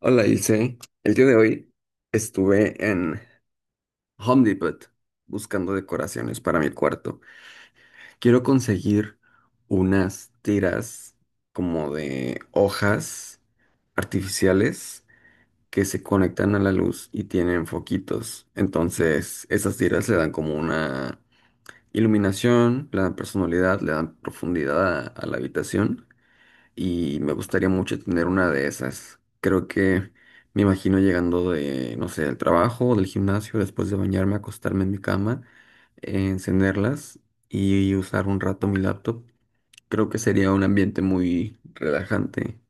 Hola Ilse, el día de hoy estuve en Home Depot buscando decoraciones para mi cuarto. Quiero conseguir unas tiras como de hojas artificiales que se conectan a la luz y tienen foquitos. Entonces, esas tiras le dan como una iluminación, le dan personalidad, le dan profundidad a la habitación y me gustaría mucho tener una de esas. Creo que me imagino llegando de, no sé, del trabajo o del gimnasio, después de bañarme, acostarme en mi cama, encenderlas y usar un rato mi laptop. Creo que sería un ambiente muy relajante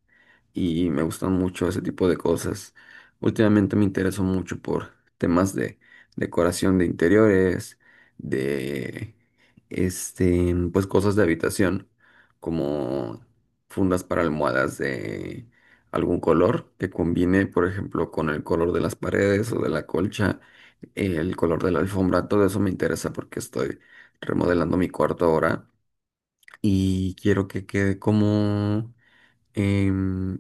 y me gustan mucho ese tipo de cosas. Últimamente me intereso mucho por temas de decoración de interiores, de este, pues cosas de habitación, como fundas para almohadas de algún color que combine, por ejemplo, con el color de las paredes o de la colcha, el color de la alfombra, todo eso me interesa porque estoy remodelando mi cuarto ahora y quiero que quede como em,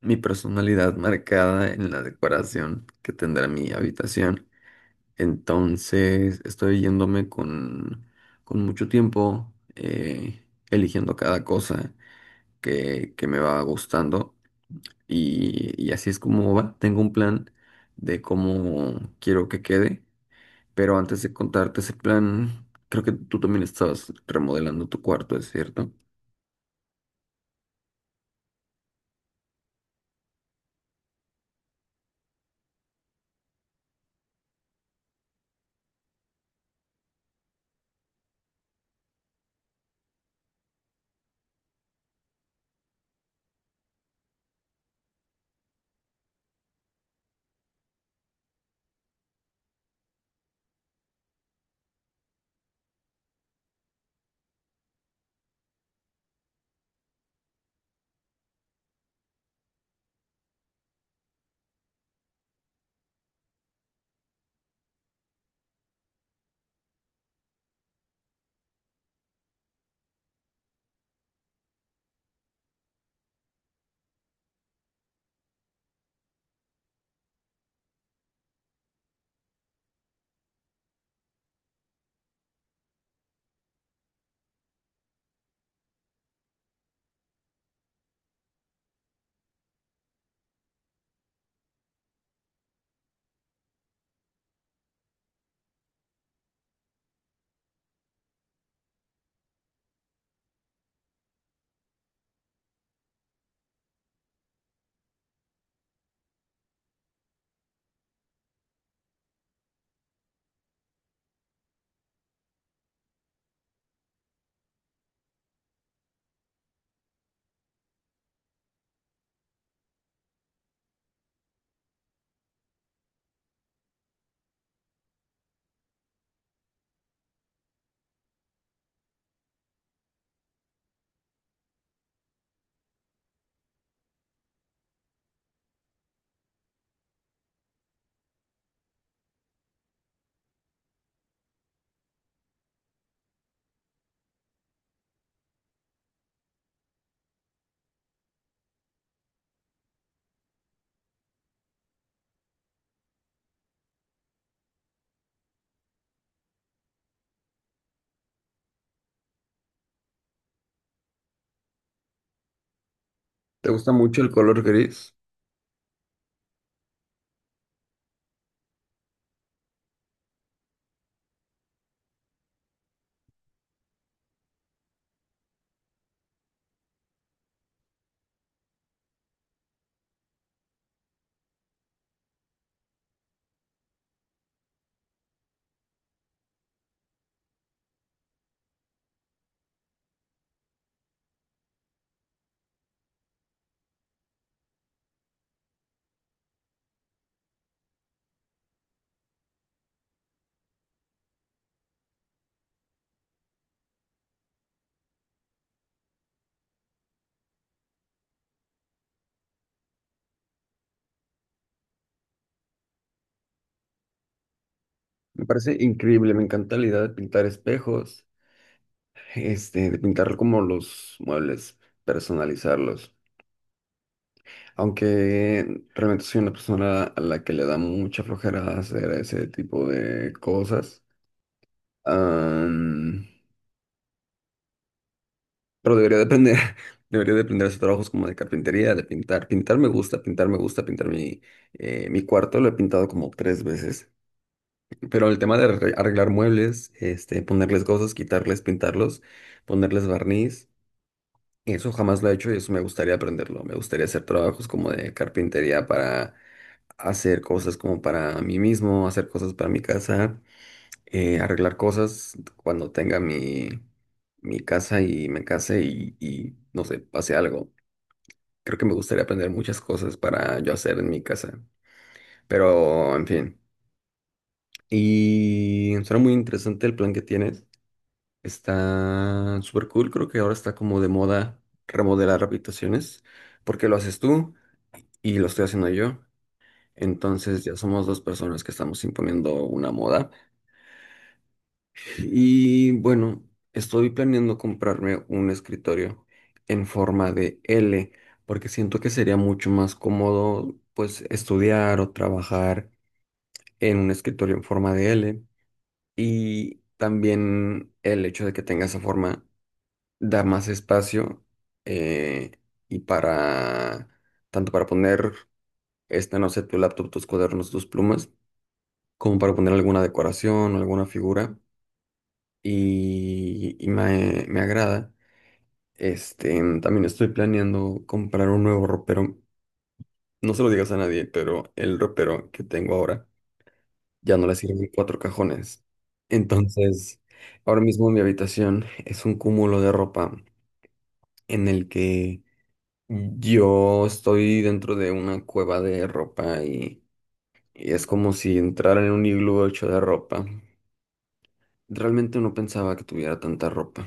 mi personalidad marcada en la decoración que tendrá mi habitación. Entonces, estoy yéndome con mucho tiempo, eligiendo cada cosa que me va gustando. Y así es como va. Tengo un plan de cómo quiero que quede. Pero antes de contarte ese plan, creo que tú también estabas remodelando tu cuarto, ¿es cierto? ¿Te gusta mucho el color gris? Me parece increíble, me encanta la idea de pintar espejos. Este, de pintar como los muebles, personalizarlos. Aunque realmente soy una persona a la que le da mucha flojera hacer ese tipo de cosas. Am, pero debería depender, debería depender de hacer trabajos como de carpintería, de pintar. Pintar me gusta, pintar me gusta, pintar mi cuarto lo he pintado como tres veces. Pero el tema de arreglar muebles, este, ponerles cosas, quitarles, pintarlos, ponerles barniz. Eso jamás lo he hecho y eso me gustaría aprenderlo. Me gustaría hacer trabajos como de carpintería para hacer cosas como para mí mismo, hacer cosas para mi casa, arreglar cosas cuando mi casa y me case y no sé, pase algo. Creo que me gustaría aprender muchas cosas para yo hacer en mi casa. Pero, en fin. Y suena muy interesante el plan que tienes. Está súper cool. Creo que ahora está como de moda remodelar habitaciones. ¿Por qué lo haces tú? Y lo estoy haciendo yo. Entonces ya somos dos personas que estamos imponiendo una moda. Y bueno, estoy planeando comprarme un escritorio en forma de L, porque siento que sería mucho más cómodo pues estudiar o trabajar en un escritorio en forma de L. Y también el hecho de que tenga esa forma da más espacio, eh, y para tanto para poner, esta, no sé, tu laptop, tus cuadernos, tus plumas como para poner alguna decoración, alguna figura y, me agrada. Este, también estoy planeando comprar un nuevo ropero. No se lo digas a nadie, pero el ropero que tengo ahora ya no le sirven cuatro cajones. Entonces, ahora mismo mi habitación es un cúmulo de ropa en el que yo estoy dentro de una cueva de ropa y es como si entrara en un iglú hecho de ropa. Realmente no pensaba que tuviera tanta ropa.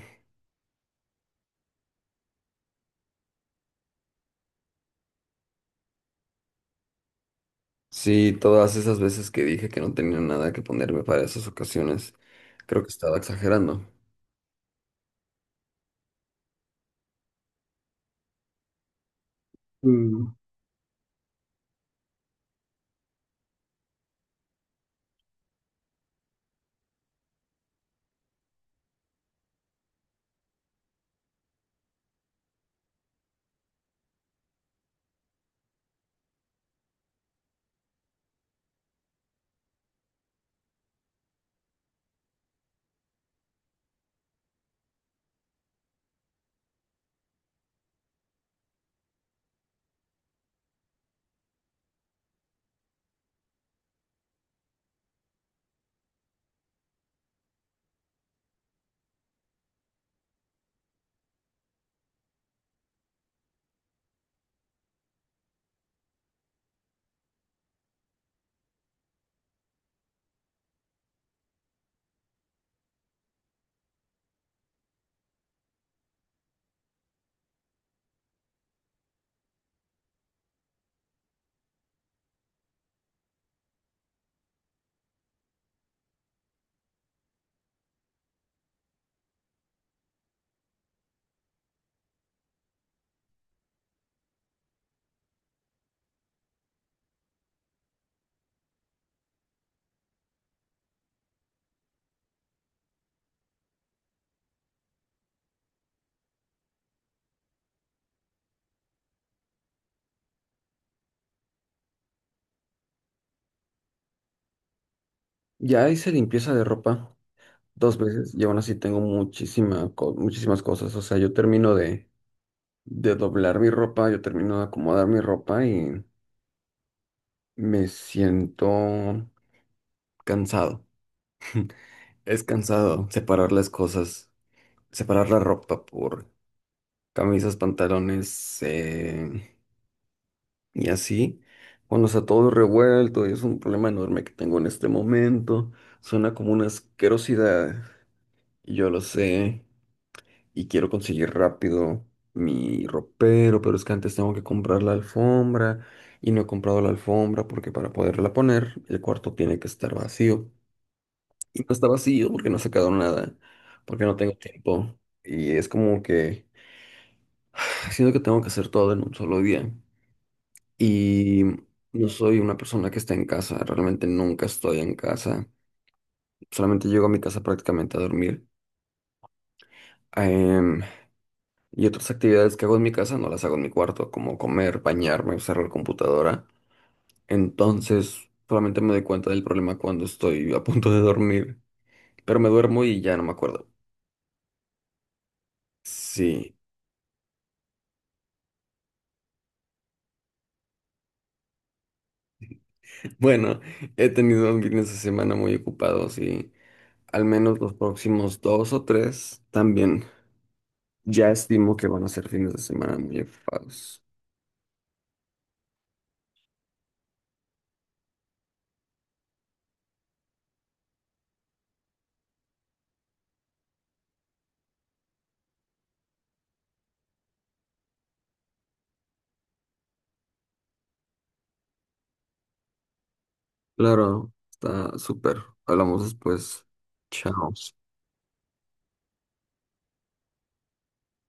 Sí, todas esas veces que dije que no tenía nada que ponerme para esas ocasiones, creo que estaba exagerando. Mm. Ya hice limpieza de ropa dos veces y aún así tengo muchísimas cosas. O sea, de doblar mi ropa, yo termino de acomodar mi ropa y me siento cansado. Es cansado separar las cosas, separar la ropa por camisas, pantalones, y así, cuando está todo revuelto y es un problema enorme que tengo en este momento, suena como una asquerosidad, y yo lo sé, y quiero conseguir rápido mi ropero, pero es que antes tengo que comprar la alfombra y no he comprado la alfombra porque para poderla poner el cuarto tiene que estar vacío. Y no está vacío porque no he sacado nada, porque no tengo tiempo. Y es como que siento que tengo que hacer todo en un solo día. Y no soy una persona que está en casa, realmente nunca estoy en casa, solamente llego a mi casa prácticamente a dormir. Em, y otras actividades que hago en mi casa no las hago en mi cuarto, como comer, bañarme, usar la computadora. Entonces, solamente me doy cuenta del problema cuando estoy a punto de dormir, pero me duermo y ya no me acuerdo. Sí, bueno, he tenido un fines de semana muy ocupados y al menos los próximos dos o tres también. Ya estimo que van a ser fines de semana muy enfocados. Claro, está súper. Hablamos después. Chao.